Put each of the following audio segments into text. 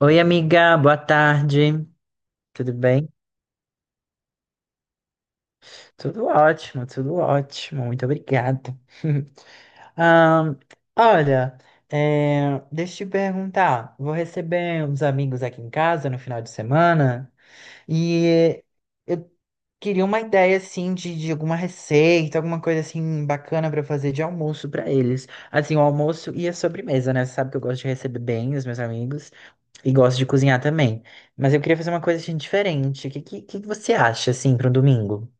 Oi, amiga, boa tarde. Tudo bem? Tudo ótimo, tudo ótimo. Muito obrigado. Ahn, olha, deixa eu te perguntar. Vou receber uns amigos aqui em casa no final de semana e eu queria uma ideia assim de alguma receita, alguma coisa assim bacana para fazer de almoço para eles. Assim, o almoço e a sobremesa, né? Você sabe que eu gosto de receber bem os meus amigos. E gosto de cozinhar também. Mas eu queria fazer uma coisa assim, diferente. O que você acha, assim, para um domingo?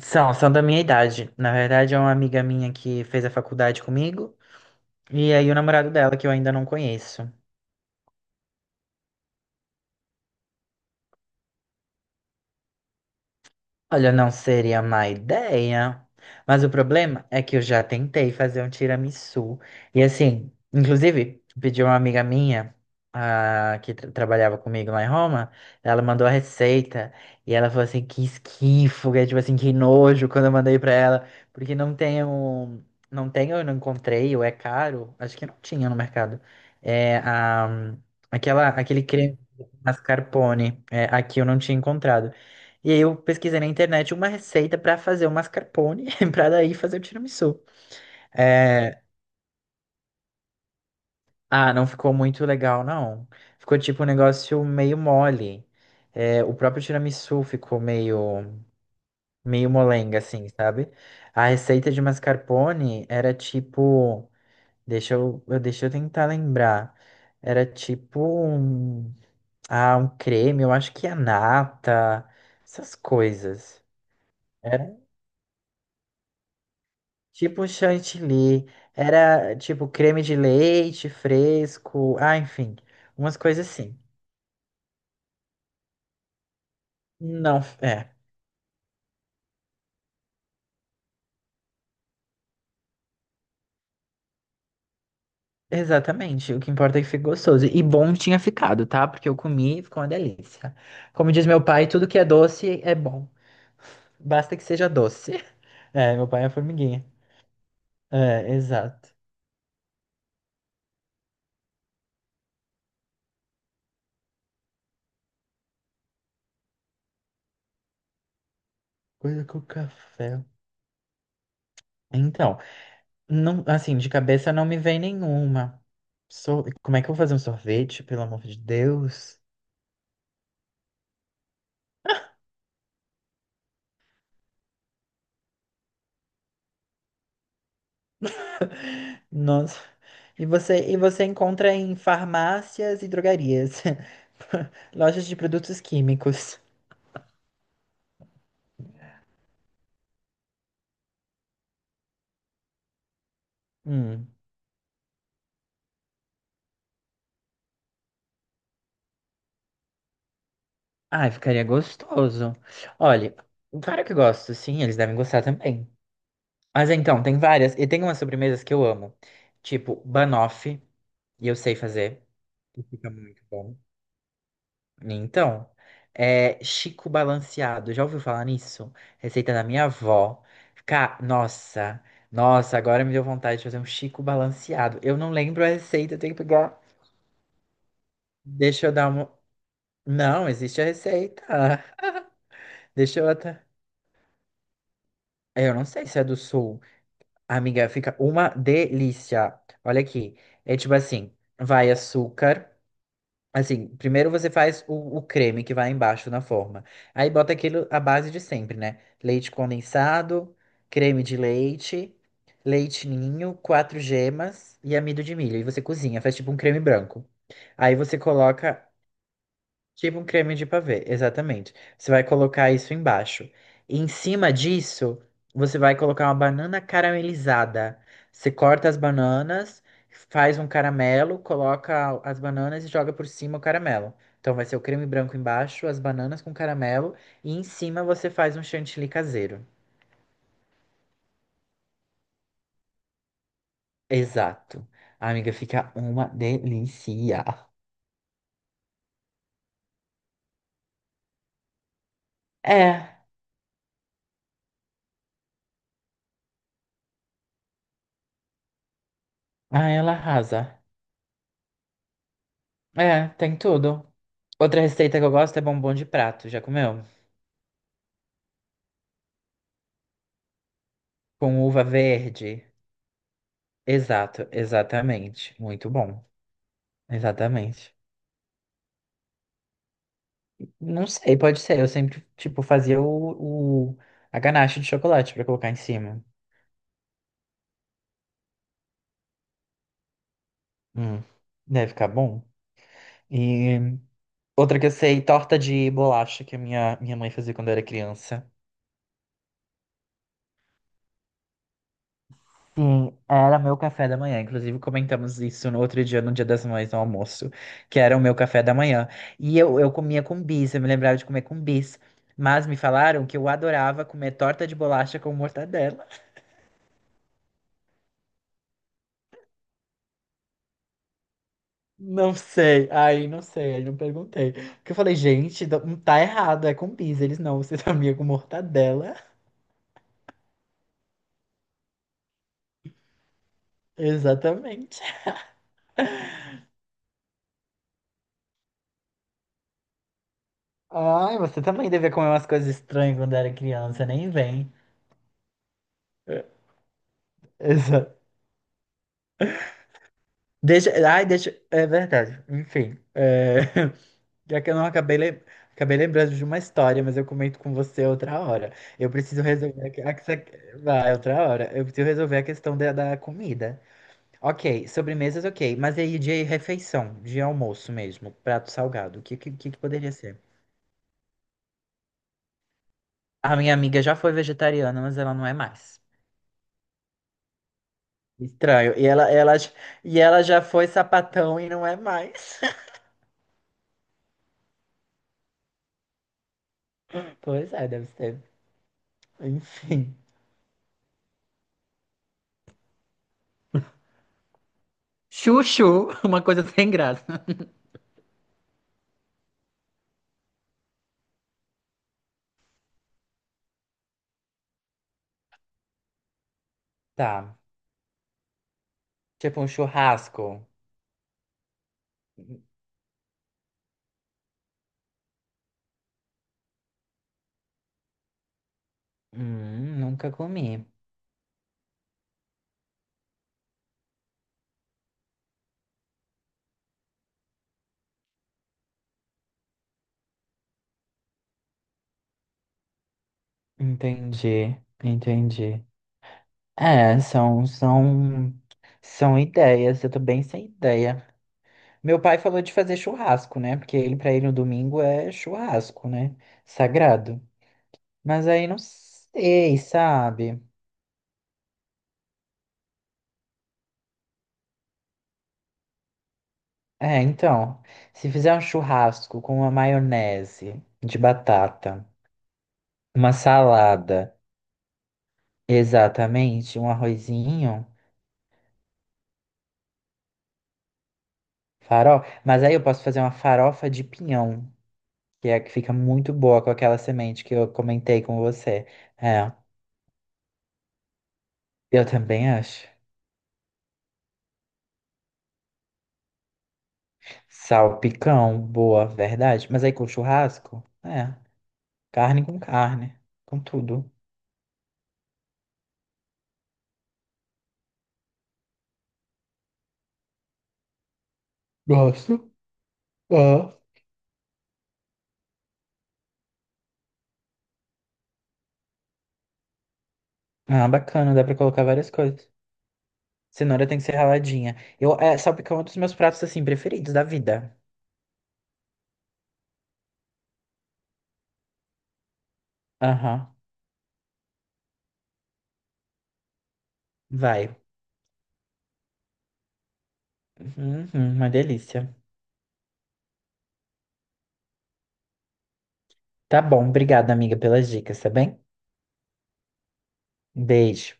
São da minha idade. Na verdade, é uma amiga minha que fez a faculdade comigo. E aí o namorado dela, que eu ainda não conheço. Olha, não seria má ideia. Mas o problema é que eu já tentei fazer um tiramisu. E assim, inclusive, pedi uma amiga minha, que trabalhava comigo lá em Roma, ela mandou a receita. E ela falou assim, que esquifo, que é tipo assim, que nojo quando eu mandei pra ela. Porque não tenho, eu não encontrei, ou é caro. Acho que não tinha no mercado. É, a, aquele creme mascarpone. É, aqui eu não tinha encontrado. E aí eu pesquisei na internet uma receita pra fazer o mascarpone, pra daí fazer o tiramisu. É, Ah, não ficou muito legal, não. Ficou tipo um negócio meio mole. É, o próprio tiramisu ficou meio molenga, assim, sabe? A receita de mascarpone era tipo, deixa eu tentar lembrar. Era tipo um, ah, um creme, eu acho que a nata, essas coisas. Tipo chantilly, era tipo creme de leite fresco, enfim, umas coisas assim. Não, é, exatamente, o que importa é que fique gostoso. E bom tinha ficado, tá? Porque eu comi e ficou uma delícia. Como diz meu pai, tudo que é doce é bom, basta que seja doce. É, meu pai é formiguinha. É, exato. Coisa com café. Então, não, assim, de cabeça não me vem nenhuma. Como é que eu vou fazer um sorvete, pelo amor de Deus? Nossa. E você encontra em farmácias e drogarias, lojas de produtos químicos. Hum. Ai, ficaria gostoso. Olha, claro que gosto, sim, eles devem gostar também. Mas então, tem várias, e tem umas sobremesas que eu amo, tipo banoffee, e eu sei fazer, e fica muito bom. Então, é Chico Balanceado, já ouviu falar nisso? Receita da minha avó. Ca... nossa, agora me deu vontade de fazer um Chico Balanceado. Eu não lembro a receita, eu tenho que pegar. Deixa eu dar uma. Não, existe a receita. Deixa eu até. Eu não sei se é do sul. Amiga, fica uma delícia. Olha aqui. É tipo assim: vai açúcar. Assim, primeiro você faz o creme que vai embaixo na forma. Aí bota aquilo, a base de sempre, né? Leite condensado, creme de leite, leite ninho, quatro gemas e amido de milho. E você cozinha, faz tipo um creme branco. Aí você coloca tipo um creme de pavê, exatamente. Você vai colocar isso embaixo. E em cima disso, você vai colocar uma banana caramelizada. Você corta as bananas, faz um caramelo, coloca as bananas e joga por cima o caramelo. Então vai ser o creme branco embaixo, as bananas com caramelo e em cima você faz um chantilly caseiro. Exato. A amiga, fica uma delícia. É, ah, ela arrasa. É, tem tudo. Outra receita que eu gosto é bombom de prato. Já comeu? Com uva verde. Exato, exatamente. Muito bom. Exatamente. Não sei, pode ser. Eu sempre, tipo, a ganache de chocolate pra colocar em cima. Hum, deve ficar bom. E outra que eu sei, torta de bolacha que a minha mãe fazia quando eu era criança. Sim, era meu café da manhã. Inclusive, comentamos isso no outro dia, no Dia das Mães, no almoço, que era o meu café da manhã. E eu comia com bis, eu me lembrava de comer com bis. Mas me falaram que eu adorava comer torta de bolacha com mortadela. Não sei, aí não sei, aí não perguntei. Porque eu falei, gente, tá errado, é com bis. Eles não, você sabia com mortadela. Exatamente. Ai, você também devia comer umas coisas estranhas quando era criança, nem vem. É verdade. Enfim, é, já que eu não acabei, lem- acabei lembrando de uma história, mas eu comento com você outra hora. Eu preciso resolver aqui- ah, que você- vai, outra hora. Eu preciso resolver a questão da comida. Ok, sobremesas, ok. Mas aí de refeição, de almoço mesmo, prato salgado, o que que poderia ser? A minha amiga já foi vegetariana, mas ela não é mais. Estranho. E ela já foi sapatão e não é mais. Pois é, deve ser. Enfim. Chuchu, uma coisa sem graça. Tá. Tipo um churrasco. Nunca comi. Entendi, entendi. É, são ideias. Eu tô bem sem ideia. Meu pai falou de fazer churrasco, né? Porque ele, pra ele, no domingo é churrasco, né? Sagrado. Mas aí não sei, sabe? É, então, se fizer um churrasco com uma maionese de batata, uma salada. Exatamente, um arrozinho, farofa. Mas aí eu posso fazer uma farofa de pinhão, que é a que fica muito boa com aquela semente que eu comentei com você. É, eu também acho. Salpicão, boa, verdade. Mas aí com churrasco? É, carne, com tudo. Gosto. Ah. Ah, bacana, dá pra colocar várias coisas. Cenoura tem que ser raladinha. Salpicão é um dos meus pratos, assim, preferidos da vida. Aham, vai. Uhum, uma delícia. Tá bom, obrigada, amiga, pelas dicas, tá bem? Beijo.